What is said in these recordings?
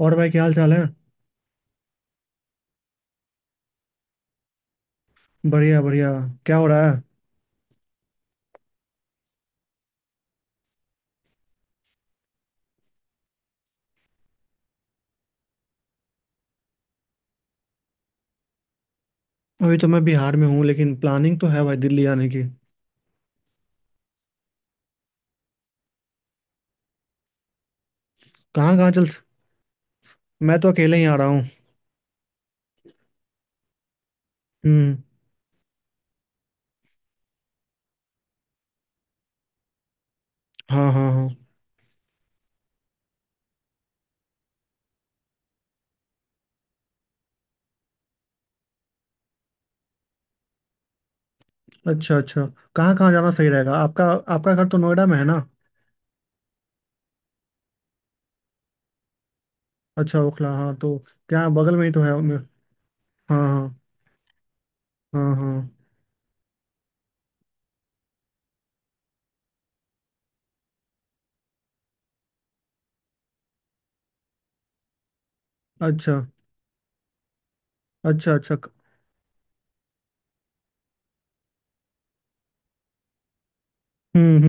और भाई, क्या हाल चाल है। बढ़िया बढ़िया। क्या हो रहा है। अभी तो मैं बिहार में हूँ, लेकिन प्लानिंग तो है भाई दिल्ली आने की। कहाँ कहाँ चल। मैं तो अकेले ही आ रहा हूँ। हम्म। हाँ हाँ हाँ। अच्छा अच्छा। कहाँ कहाँ जाना सही रहेगा आपका। आपका घर तो नोएडा में है ना। अच्छा, ओखला। हाँ तो क्या बगल में ही तो है। हाँ हाँ। हाँ हाँ। अच्छा अच्छा अच्छा। हम्म हम्म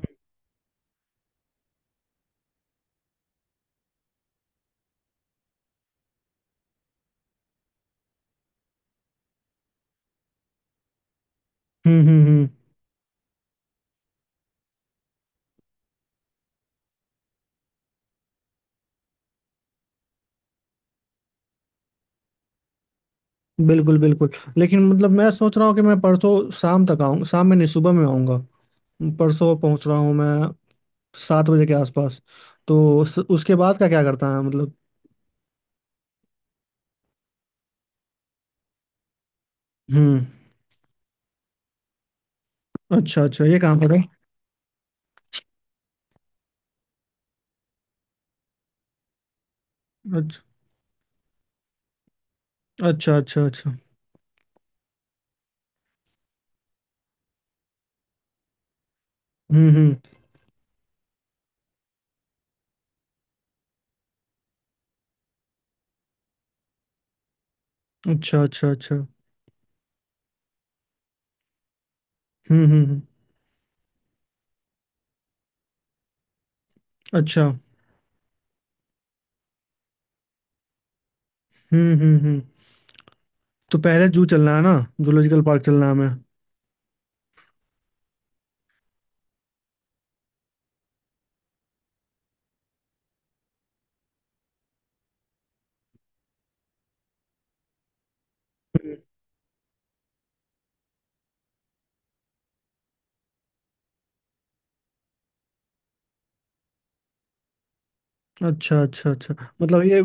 हम्म। बिल्कुल बिल्कुल। लेकिन मतलब मैं सोच रहा हूँ कि मैं परसों शाम तक आऊँ, शाम में नहीं, सुबह में आऊँगा। परसों पहुँच रहा हूँ मैं। 7 बजे के आसपास। तो उसके बाद का क्या करता है, मतलब। हम्म। अच्छा अच्छा, ये काम करो। अच्छा अच्छा अच्छा अच्छा। हम्म। अच्छा अच्छा अच्छा। हम्म। अच्छा। हम्म। तो पहले जू चलना है ना। जूलॉजिकल पार्क चलना है हमें। अच्छा अच्छा अच्छा। मतलब ये,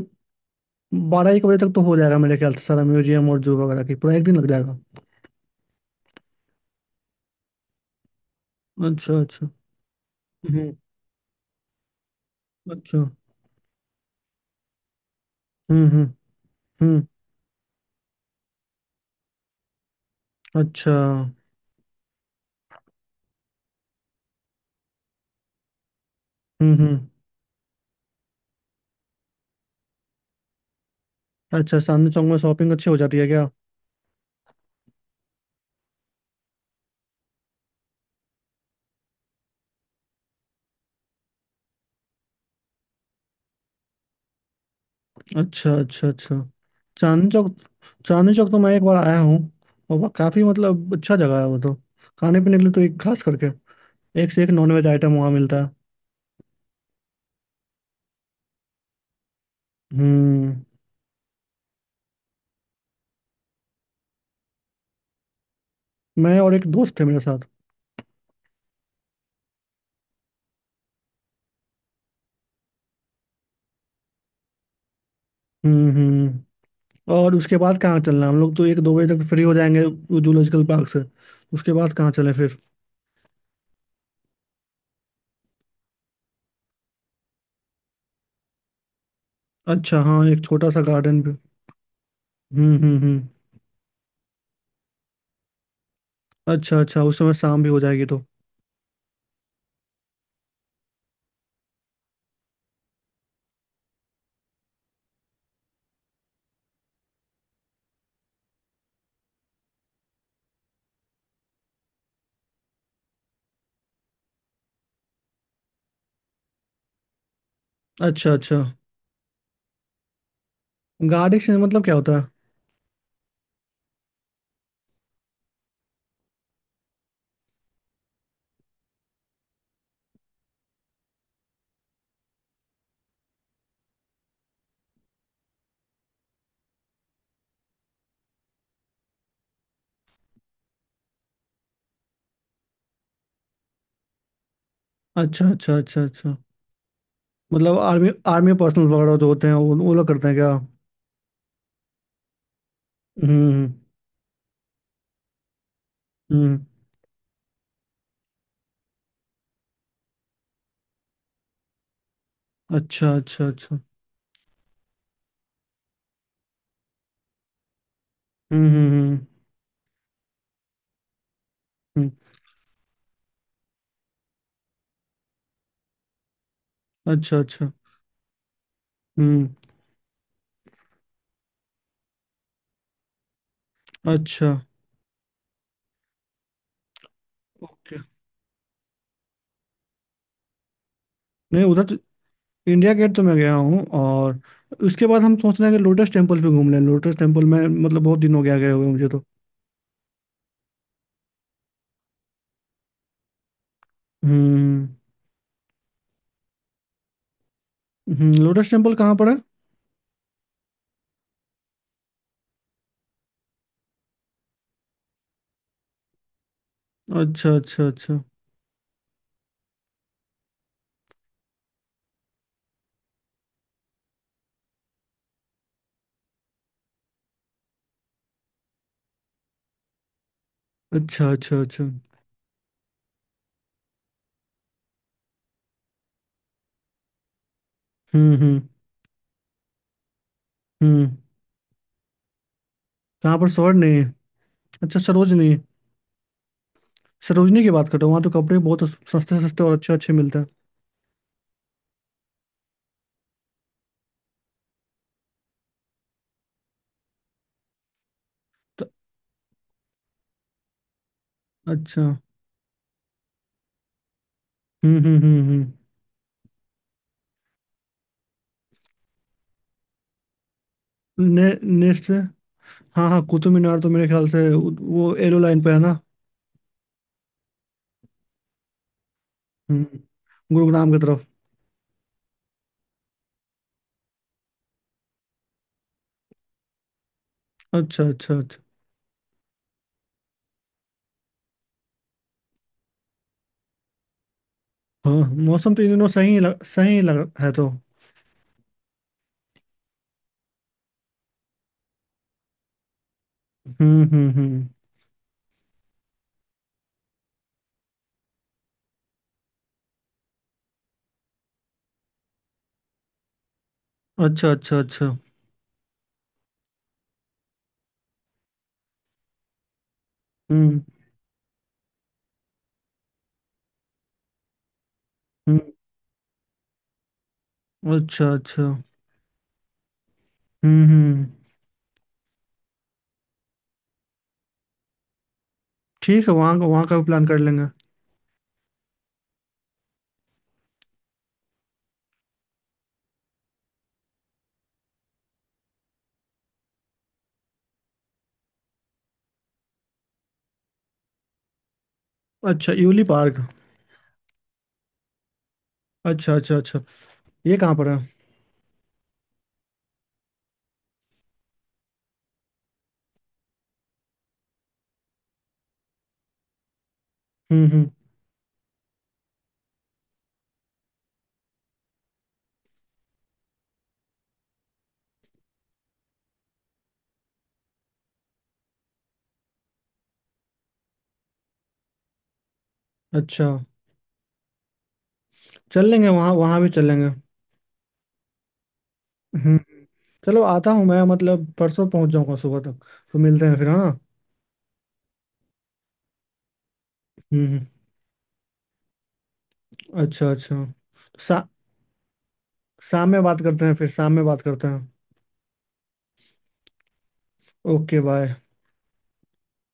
12-1 बजे तक तो हो जाएगा मेरे ख्याल से, सारा म्यूजियम और जू वगैरह की पूरा एक दिन लग जाएगा। अच्छा अच्छा। हम्म। अच्छा। हम्म हम्म हम्म। अच्छा। हम्म। अच्छा, चांदनी चौक में शॉपिंग अच्छी हो जाती है क्या। अच्छा अच्छा अच्छा। चांदनी चौक। चांदनी चौक तो मैं एक बार आया हूँ। और वह काफी मतलब अच्छा जगह है, वो तो। खाने पीने के लिए तो एक खास करके एक से एक नॉनवेज आइटम वहाँ मिलता है। हम्म। मैं और एक दोस्त थे मेरे साथ। हम्म। और उसके बाद कहाँ चलना है? हम लोग तो 1-2 बजे तक फ्री हो जाएंगे वो जूलॉजिकल पार्क से। उसके बाद कहाँ चलें फिर। अच्छा हाँ, एक छोटा सा गार्डन भी। हम्म। अच्छा अच्छा, उस समय शाम भी हो जाएगी तो। अच्छा अच्छा। गार्डन से मतलब क्या होता है। अच्छा अच्छा अच्छा अच्छा। मतलब आर्मी आर्मी पर्सनल वगैरह जो होते हैं वो लोग करते हैं क्या। हम्म हम्म हम्म। अच्छा अच्छा अच्छा। हम्म हम्म हम्म हम्म। अच्छा अच्छा। हम्म। अच्छा। ओके। नहीं, उधर तो। इंडिया गेट तो मैं गया हूँ। और उसके बाद हम सोच रहे हैं कि लोटस टेम्पल भी घूम लें। लोटस टेम्पल में मतलब बहुत दिन हो गया गए हुए मुझे तो। हम्म लोटस टेम्पल कहाँ पर है। अच्छा अच्छा अच्छा अच्छा अच्छा अच्छा। हम्म हम्म हम्म। कहाँ पर सरोज नहीं है। अच्छा सरोज नहीं है। सरोजनी की बात कर रहे हो। वहाँ तो कपड़े बहुत सस्ते सस्ते और अच्छे अच्छे मिलते हैं तो। अच्छा। हम्म। नेक्स्ट से। हाँ हाँ, कुतुब मीनार तो मेरे ख्याल से वो एलो लाइन पे है ना। हम्म। गुरुग्राम की तरफ। अच्छा अच्छा अच्छा। हाँ मौसम तो इन दिनों सही ही लग है तो। हम्म। अच्छा अच्छा अच्छा। हम्म हम्म। अच्छा अच्छा। हम्म। ठीक है, वहाँ का भी प्लान कर लेंगे। अच्छा यूली पार्क। अच्छा अच्छा अच्छा। ये कहाँ पर है। हम्म। अच्छा। चल लेंगे वहाँ, वहाँ भी चल लेंगे। हम्म। चलो, आता हूँ मैं, मतलब परसों पहुँच जाऊँगा सुबह तक। तो मिलते हैं फिर, हाँ। हम्म। अच्छा अच्छा। शा, शाम में बात करते हैं फिर शाम में बात करते हैं। Okay bye.